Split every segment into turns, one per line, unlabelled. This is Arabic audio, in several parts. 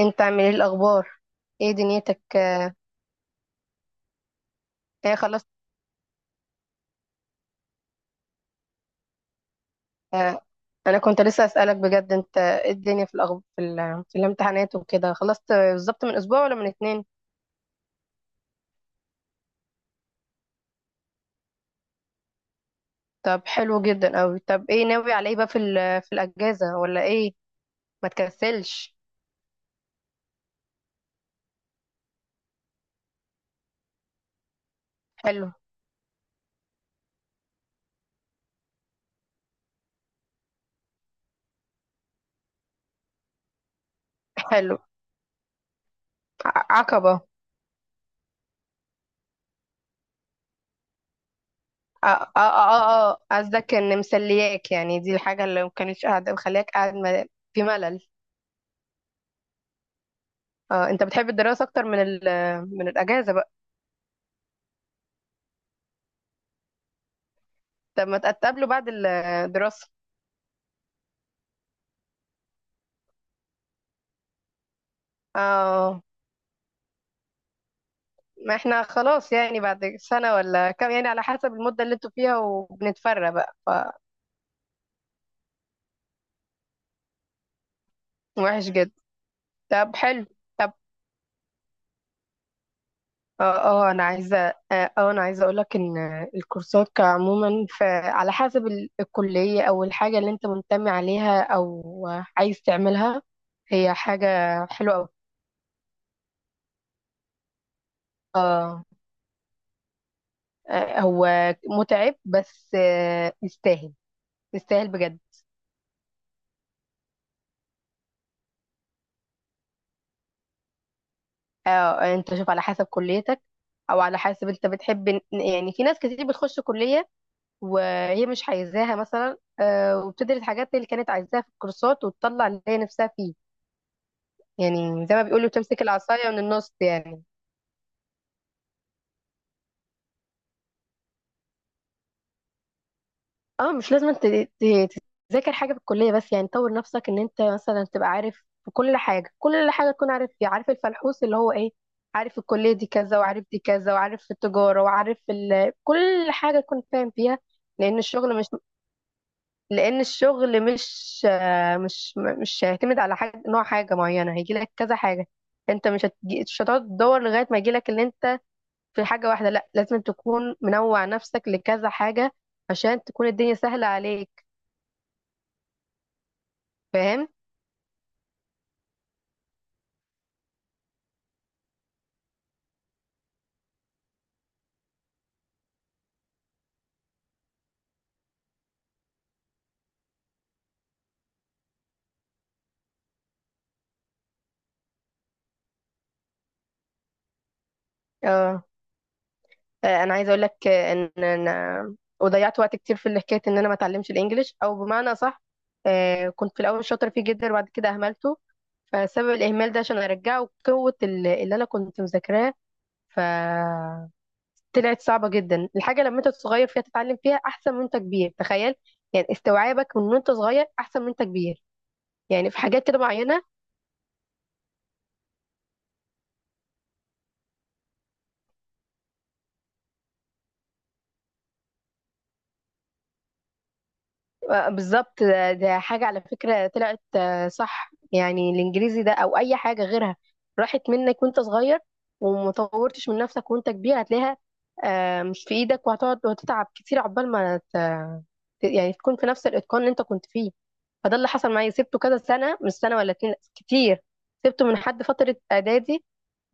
انت عامل ايه الاخبار؟ ايه دنيتك؟ آه. ايه خلاص. آه، انا كنت لسه اسالك بجد، انت ايه الدنيا في الأخب... في, ال... في الامتحانات وكده، خلصت بالظبط من اسبوع ولا من اتنين؟ طب حلو جدا اوي. طب ايه ناوي على ايه بقى في الاجازه ولا ايه؟ ما تكسلش. حلو. حلو. عقبه. اه اه اه اه آه. قصدك ان مسلياك، يعني دي الحاجه اللي ما كانتش قاعده مخلياك قاعد في ملل. اه انت بتحب الدراسه اكتر من الاجازه بقى؟ طب ما تقابله بعد الدراسه. اه، ما احنا خلاص يعني بعد سنة ولا كام، يعني على حسب المدة اللي انتوا فيها وبنتفرق بقى. فوحش جدا. طب حلو. طب اه. اه انا عايزة اه، انا عايزة اقولك ان الكورسات كعموما، على حسب الكلية او الحاجة اللي انت منتمي عليها او عايز تعملها، هي حاجة حلوة اوي. اه آه، هو متعب بس يستاهل، يستاهل بجد. اه انت شوف على حسب كليتك او على حسب انت بتحب يعني في ناس كتير بتخش كلية وهي مش عايزاها مثلا، وبتدرس حاجات اللي كانت عايزاها في الكورسات وتطلع اللي هي نفسها فيه. يعني زي ما بيقولوا، تمسك العصاية من النص يعني. اه مش لازم انت تذاكر حاجة في الكلية بس، يعني طور نفسك ان انت مثلا تبقى عارف في كل حاجة، كل حاجة تكون عارف فيها، عارف الفلحوص اللي هو ايه، عارف الكلية دي كذا وعارف دي كذا وعارف التجارة وعارف كل حاجة تكون فاهم فيها. لأن الشغل مش لان الشغل مش آه، مش م- مش هيعتمد على حاجه، نوع حاجه معينه، هيجي لك كذا حاجه. انت مش هتجي، مش هتقعد تدور لغايه ما يجي لك اللي انت في حاجه واحده، لا، لازم تكون منوع نفسك لكذا حاجه عشان تكون الدنيا سهله عليك. فاهم؟ اه انا عايزه اقول لك ان انا وضيعت وقت كتير في حكايه ان انا ما اتعلمش الانجليش، او بمعنى صح، كنت في الاول شاطره فيه جدا وبعد كده اهملته. فسبب الاهمال ده، عشان ارجعه قوه اللي انا كنت مذاكراه، ف طلعت صعبة جدا. الحاجة لما انت صغير فيها تتعلم فيها احسن من انت كبير، تخيل. يعني استوعابك من وانت صغير احسن من انت كبير، يعني في حاجات كده معينة. بالظبط. ده ده حاجة على فكرة طلعت صح، يعني الإنجليزي ده أو أي حاجة غيرها راحت منك وأنت صغير ومطورتش من نفسك وأنت كبير، هتلاقيها مش في إيدك وهتقعد وتتعب كتير عقبال ما يعني تكون في نفس الإتقان اللي أنت كنت فيه. فده اللي حصل معايا، سبته كذا سنة، مش سنة ولا اتنين، لأ، كتير. سبته من حد فترة إعدادي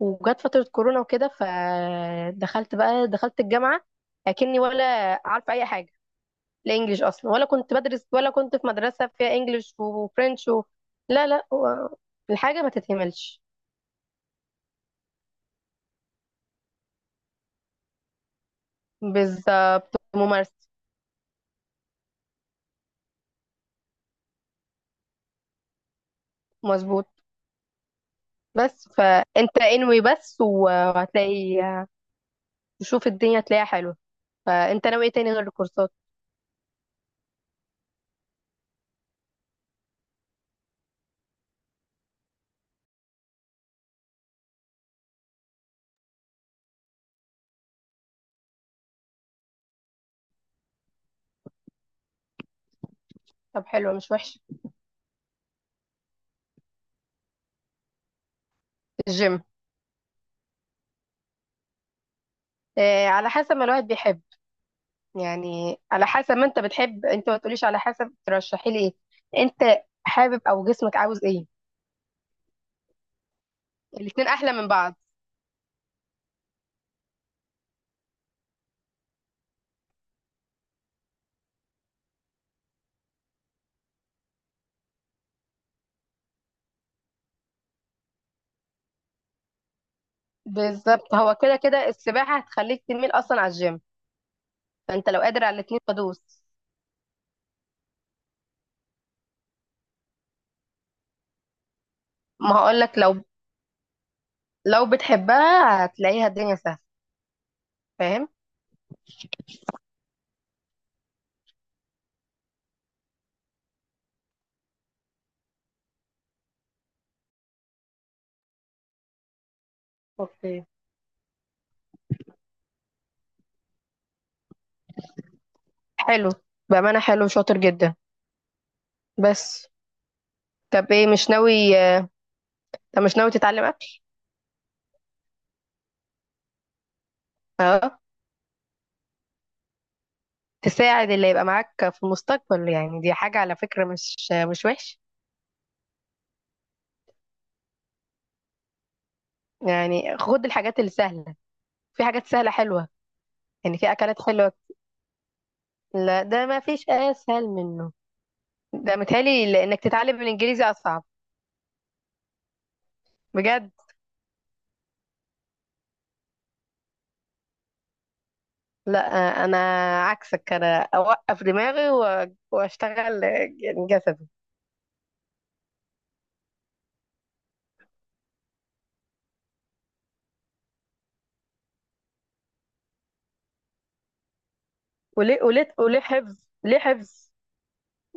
وجت فترة كورونا وكده، فدخلت بقى، دخلت الجامعة أكني ولا عارفة أي حاجة، الانجليش اصلا، ولا كنت بدرس، ولا كنت في مدرسه فيها انجليش وفرنش لا لا، هو الحاجه ما تتهملش بالممارسه. مظبوط. بس فانت انوي بس وهتلاقي، تشوف الدنيا تلاقيها حلوه. فانت ناوي ايه تاني غير الكورسات؟ طب حلوه، مش وحشه. الجيم. آه على حسب ما الواحد بيحب، يعني على حسب ما انت بتحب، انت ما تقوليش على حسب ترشحي لي ايه، انت حابب او جسمك عاوز ايه. الاتنين احلى من بعض. بالظبط، هو كده كده السباحة هتخليك تميل أصلا على الجيم. فأنت لو قادر على الاتنين فدوس. ما هقولك، لو لو بتحبها هتلاقيها الدنيا سهلة. فاهم؟ اوكي. حلو، بأمانة حلو، شاطر جدا. بس طب ايه، مش ناوي طب مش ناوي تتعلم أكل؟ اه، تساعد اللي يبقى معاك في المستقبل، يعني دي حاجة على فكرة مش مش وحش. يعني خد الحاجات اللي سهلة، في حاجات سهلة حلوة، يعني في أكلات حلوة. لا ده ما فيش أسهل منه، ده متهيألي إنك تتعلم الإنجليزي أصعب. بجد. لا، انا عكسك، انا اوقف دماغي واشتغل يعني جسدي. وليه وليه وليه حفظ، ليه حفظ؟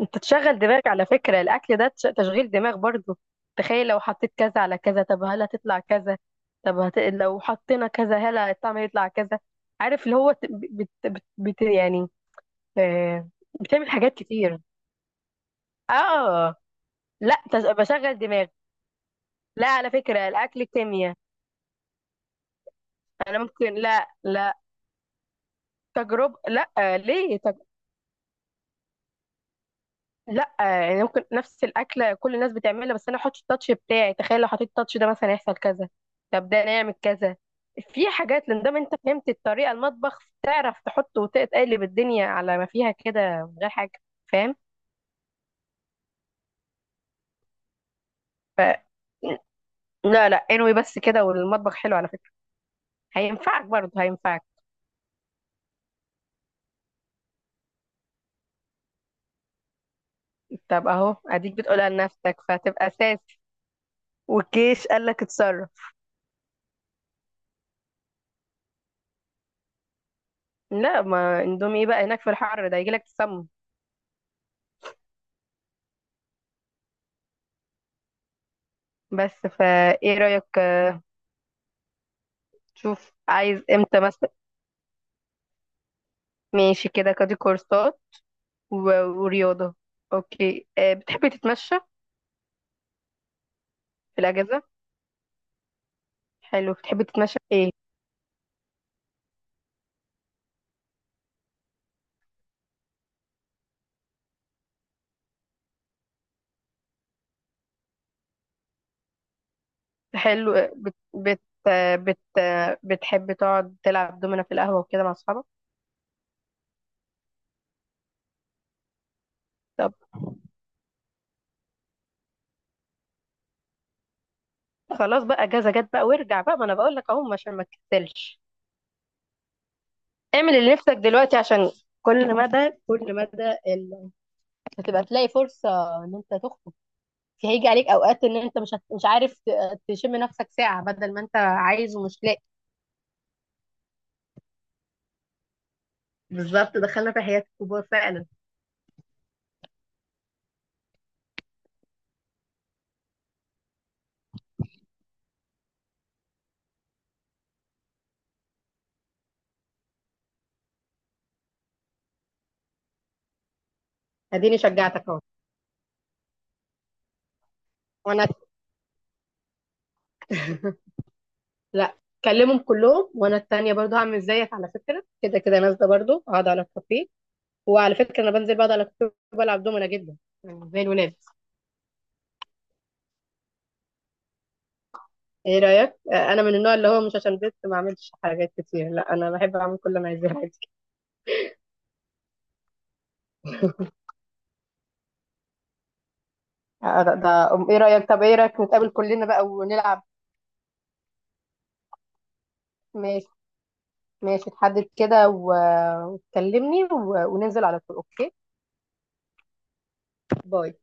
انت تشغل دماغك على فكرة، الاكل ده تشغيل دماغ برضو. تخيل لو حطيت كذا على كذا، طب هل هتطلع كذا؟ طب لو حطينا كذا، هل الطعم هيطلع كذا؟ عارف اللي هو يعني آه، بتعمل حاجات كتير. اه لا بشغل دماغي. لا، على فكرة الاكل كيمياء. انا ممكن، لا لا، تجربة، لا، ليه لا يعني ممكن نفس الأكلة كل الناس بتعملها، بس أنا أحط التاتش بتاعي. تخيل لو حطيت التاتش ده مثلا، يحصل كذا، طب ده نعمل كذا. في حاجات، لان دام أنت فهمت الطريقة، المطبخ تعرف تحط وتقلب الدنيا على ما فيها كده من غير حاجة. فاهم؟ لا لا، انوي بس كده، والمطبخ حلو على فكرة، هينفعك برضه هينفعك. طب اهو اديك بتقولها لنفسك فهتبقى اساسي، والجيش قال لك اتصرف. لا ما اندومي ايه بقى هناك في الحر ده، يجي لك تسمم. بس فايه رأيك؟ شوف عايز امتى مثلا. ماشي كده كادي كورسات ورياضة. اوكي بتحبي تتمشى في الأجازة؟ حلو، بتحبي تتمشى في ايه؟ حلو آه، بت بت آه، بت آه، بتحبي تقعد تلعب دومنا في القهوة وكده مع أصحابك؟ طب خلاص بقى، أجازة جت بقى، وارجع بقى، ما أنا بقول لك أهو عشان ما تكسلش. اعمل اللي نفسك دلوقتي عشان كل مدى كل مدى ال... هتبقى تلاقي فرصة إن أنت تخرج. هيجي عليك أوقات إن أنت مش عارف تشم نفسك ساعة، بدل ما أنت عايز ومش لاقي. بالظبط، دخلنا في حياة الكبار فعلا. اديني شجعتك اهو. وانا لا. كلمهم كلهم، وانا التانية برضو هعمل زيك، على فكرة كده كده نازلة برضو اقعد على الكافيه. وعلى فكرة انا بنزل بقعد على الكافيه وبلعب دومنا جدا، يعني زي الولاد. ايه رأيك؟ انا من النوع اللي هو مش عشان بنت ما اعملش حاجات كتير، لا انا بحب اعمل كل اللي انا عايزاه عادي. ايه رأيك، طب ايه رأيك نتقابل كلنا بقى ونلعب؟ ماشي. ماشي تحدد كده وتكلمني وننزل على طول، اوكي؟ باي.